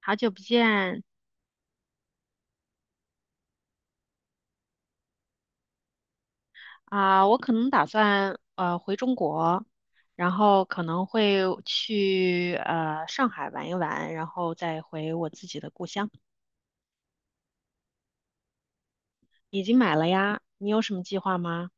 好久不见啊，我可能打算回中国，然后可能会去上海玩一玩，然后再回我自己的故乡。已经买了呀，你有什么计划吗？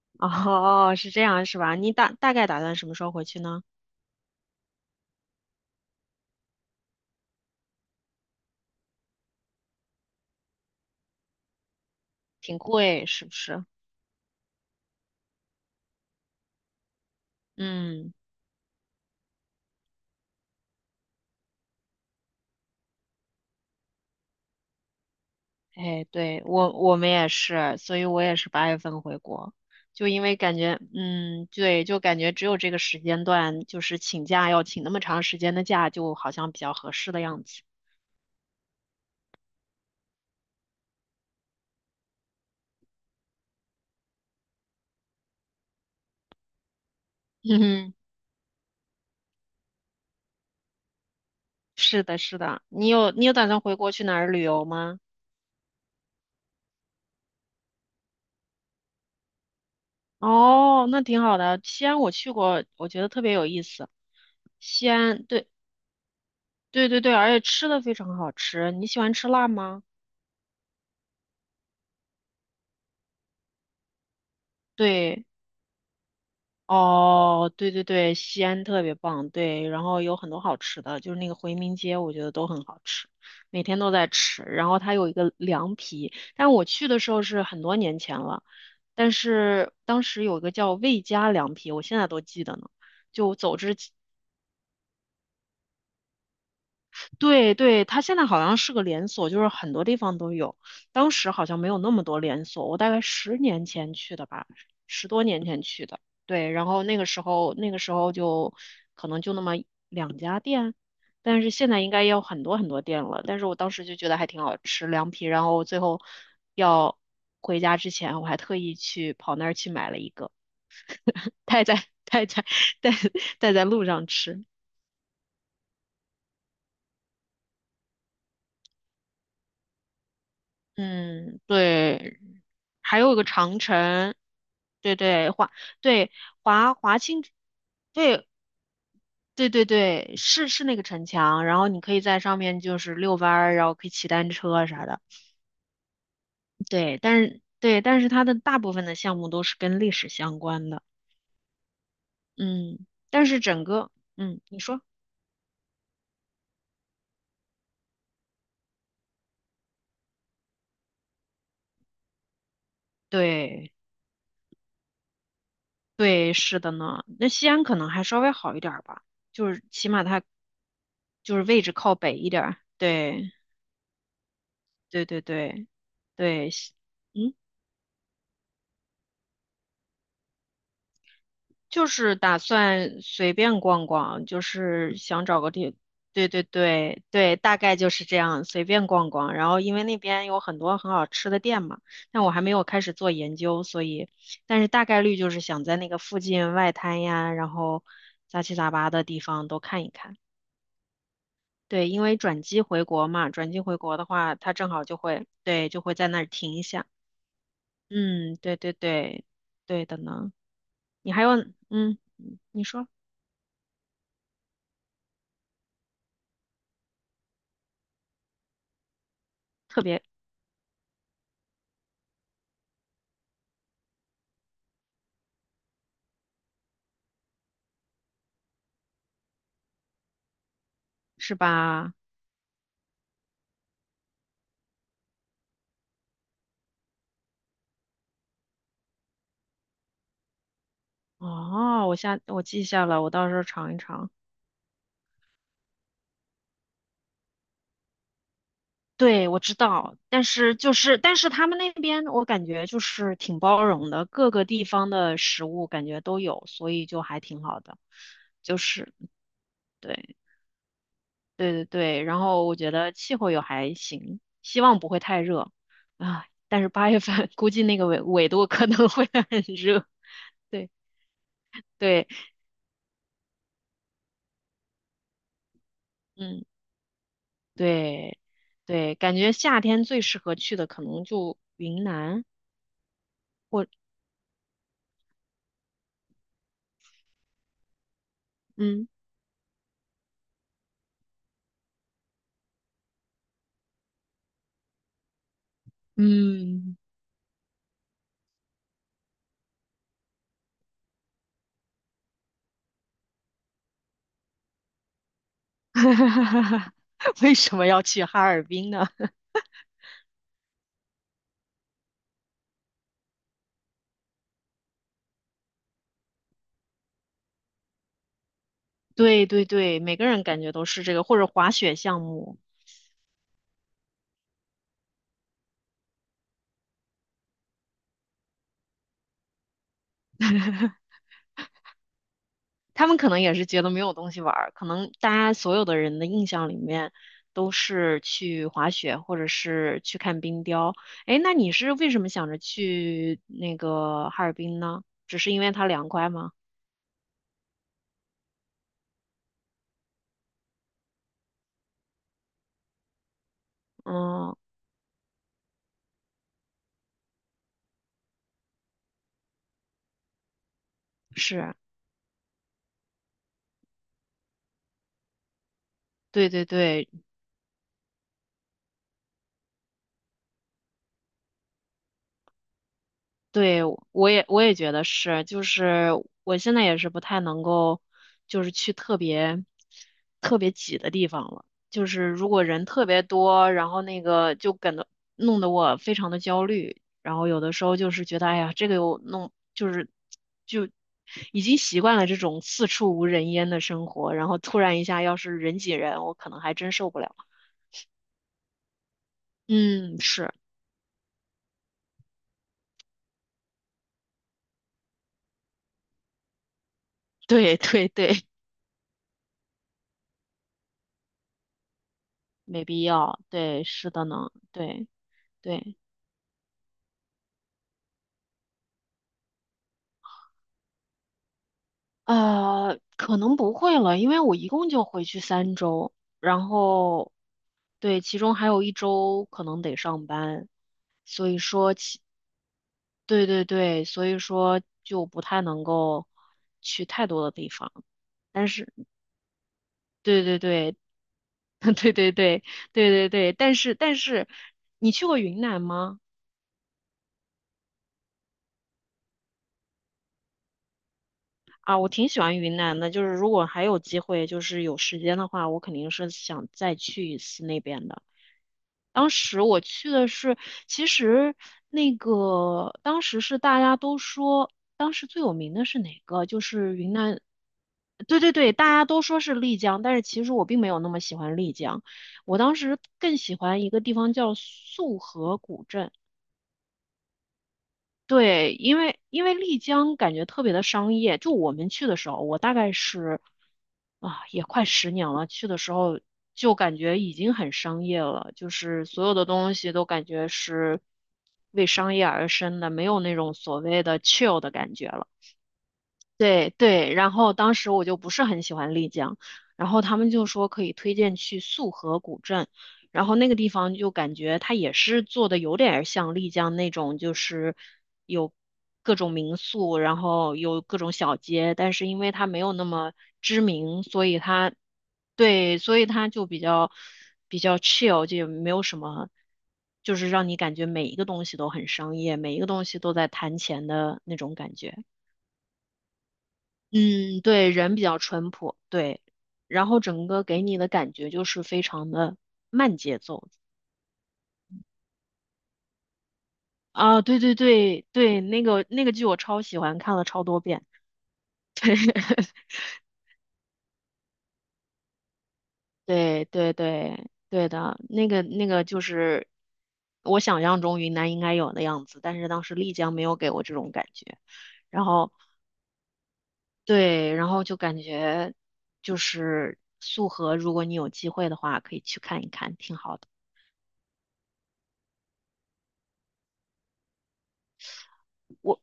哦，是这样是吧？你大概打算什么时候回去呢？挺贵是不是？嗯。哎，对，我们也是，所以我也是八月份回国，就因为感觉，嗯，对，就感觉只有这个时间段，就是请假要请那么长时间的假，就好像比较合适的样子。嗯哼，是的，是的，你有打算回国去哪儿旅游吗？哦，那挺好的，西安我去过，我觉得特别有意思。西安，对对对对，而且吃的非常好吃。你喜欢吃辣吗？对。哦，对对对，西安特别棒，对，然后有很多好吃的，就是那个回民街，我觉得都很好吃，每天都在吃。然后它有一个凉皮，但我去的时候是很多年前了，但是当时有一个叫魏家凉皮，我现在都记得呢。就走之对对，它现在好像是个连锁，就是很多地方都有。当时好像没有那么多连锁，我大概10年前去的吧，10多年前去的。对，然后那个时候就可能就那么2家店，但是现在应该也有很多很多店了。但是我当时就觉得还挺好吃，凉皮。然后最后要回家之前，我还特意去跑那儿去买了一个，带在 带在带带在路上吃。嗯，对，还有一个长城，对对对华清，对对对对，是是那个城墙，然后你可以在上面就是遛弯儿，然后可以骑单车啊啥的，对，但是对，但是它的大部分的项目都是跟历史相关的，嗯，但是整个，嗯，你说，对对，是的呢，那西安可能还稍微好一点儿吧，就是起码它就是位置靠北一点儿，对。对对对对，嗯，就是打算随便逛逛，就是想找个地，对对对对，大概就是这样，随便逛逛。然后因为那边有很多很好吃的店嘛，但我还没有开始做研究，所以，但是大概率就是想在那个附近外滩呀，然后杂七杂八的地方都看一看。对，因为转机回国嘛，转机回国的话，它正好就会，对，就会在那儿停一下。嗯，对对对，对的呢。你还有，嗯，你说特别是吧？哦，我记下了，我到时候尝一尝。对，我知道，但是他们那边我感觉就是挺包容的，各个地方的食物感觉都有，所以就还挺好的。就是对对对对，然后我觉得气候也还行，希望不会太热啊。但是八月份 估计那个纬度可能会很热。对对，嗯。对，对，感觉夏天最适合去的可能就云南或嗯嗯。为什么要去哈尔滨呢？对对对，每个人感觉都是这个，或者滑雪项目，他们可能也是觉得没有东西玩儿，可能大家所有的人的印象里面都是去滑雪或者是去看冰雕。哎，那你是为什么想着去那个哈尔滨呢？只是因为它凉快吗？嗯，是。对对对对，我也觉得是，就是我现在也是不太能够，就是去特别特别挤的地方了。就是如果人特别多，然后那个就感到弄得我非常的焦虑，然后有的时候就是觉得，哎呀，这个又弄，就是就已经习惯了这种四处无人烟的生活，然后突然一下要是人挤人，我可能还真受不了。嗯，是，对对对，没必要，对，是的呢，对。对，可能不会了，因为我一共就回去3周，然后对，其中还有一周可能得上班，所以说，对对对，所以说就不太能够去太多的地方。但是，对对对，对对对，对对对，但是，你去过云南吗？啊，我挺喜欢云南的，就是如果还有机会，就是有时间的话，我肯定是想再去一次那边的。当时我去的是，其实那个当时是大家都说，当时最有名的是哪个？就是云南，对对对，大家都说是丽江，但是其实我并没有那么喜欢丽江，我当时更喜欢一个地方叫束河古镇。对，因为因为丽江感觉特别的商业，就我们去的时候，我大概是啊，也快十年了，去的时候就感觉已经很商业了，就是所有的东西都感觉是为商业而生的，没有那种所谓的 chill 的感觉了。对对，然后当时我就不是很喜欢丽江，然后他们就说可以推荐去束河古镇，然后那个地方就感觉它也是做的有点儿像丽江那种，就是有各种民宿，然后有各种小街，但是因为它没有那么知名，所以它对，所以它就比较比较 chill，就也没有什么，就是让你感觉每一个东西都很商业，每一个东西都在谈钱的那种感觉。嗯，对，人比较淳朴，对，然后整个给你的感觉就是非常的慢节奏啊，对对对对，那个那个剧我超喜欢，看了超多遍，对对对对的，那个那个就是我想象中云南应该有的样子，但是当时丽江没有给我这种感觉，然后对，然后就感觉就是素河，如果你有机会的话，可以去看一看，挺好的。我。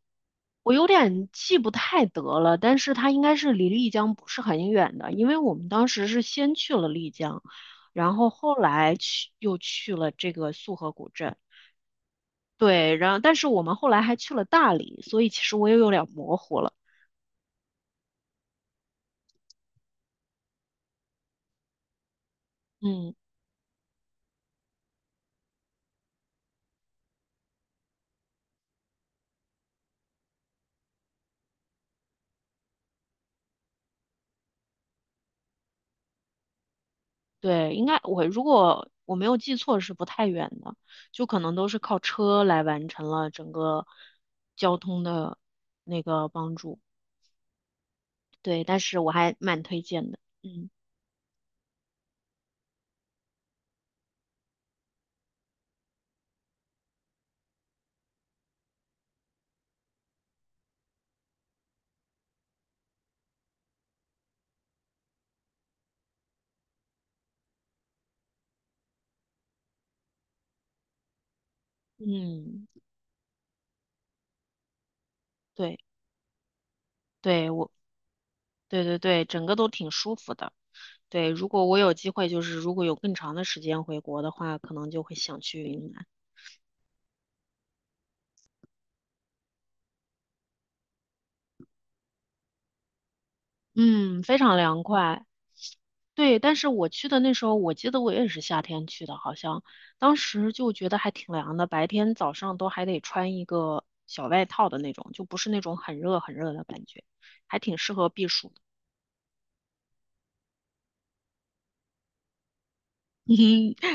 我有点记不太得了，但是它应该是离丽江不是很远的，因为我们当时是先去了丽江，然后后来去又去了这个束河古镇，对，然后但是我们后来还去了大理，所以其实我也有点模糊了。嗯，对，应该如果我没有记错是不太远的，就可能都是靠车来完成了整个交通的那个帮助。对，但是我还蛮推荐的。嗯嗯，对。对，我，对对对，整个都挺舒服的。对，如果我有机会，就是如果有更长的时间回国的话，可能就会想去云南。嗯，非常凉快。对，但是我去的那时候，我记得我也是夏天去的，好像当时就觉得还挺凉的，白天早上都还得穿一个小外套的那种，就不是那种很热很热的感觉，还挺适合避暑的。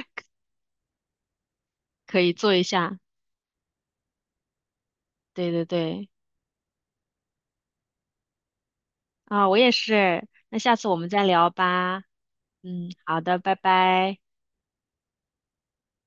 可以做一下。对对对，啊，我也是。那下次我们再聊吧。嗯，好的，拜拜。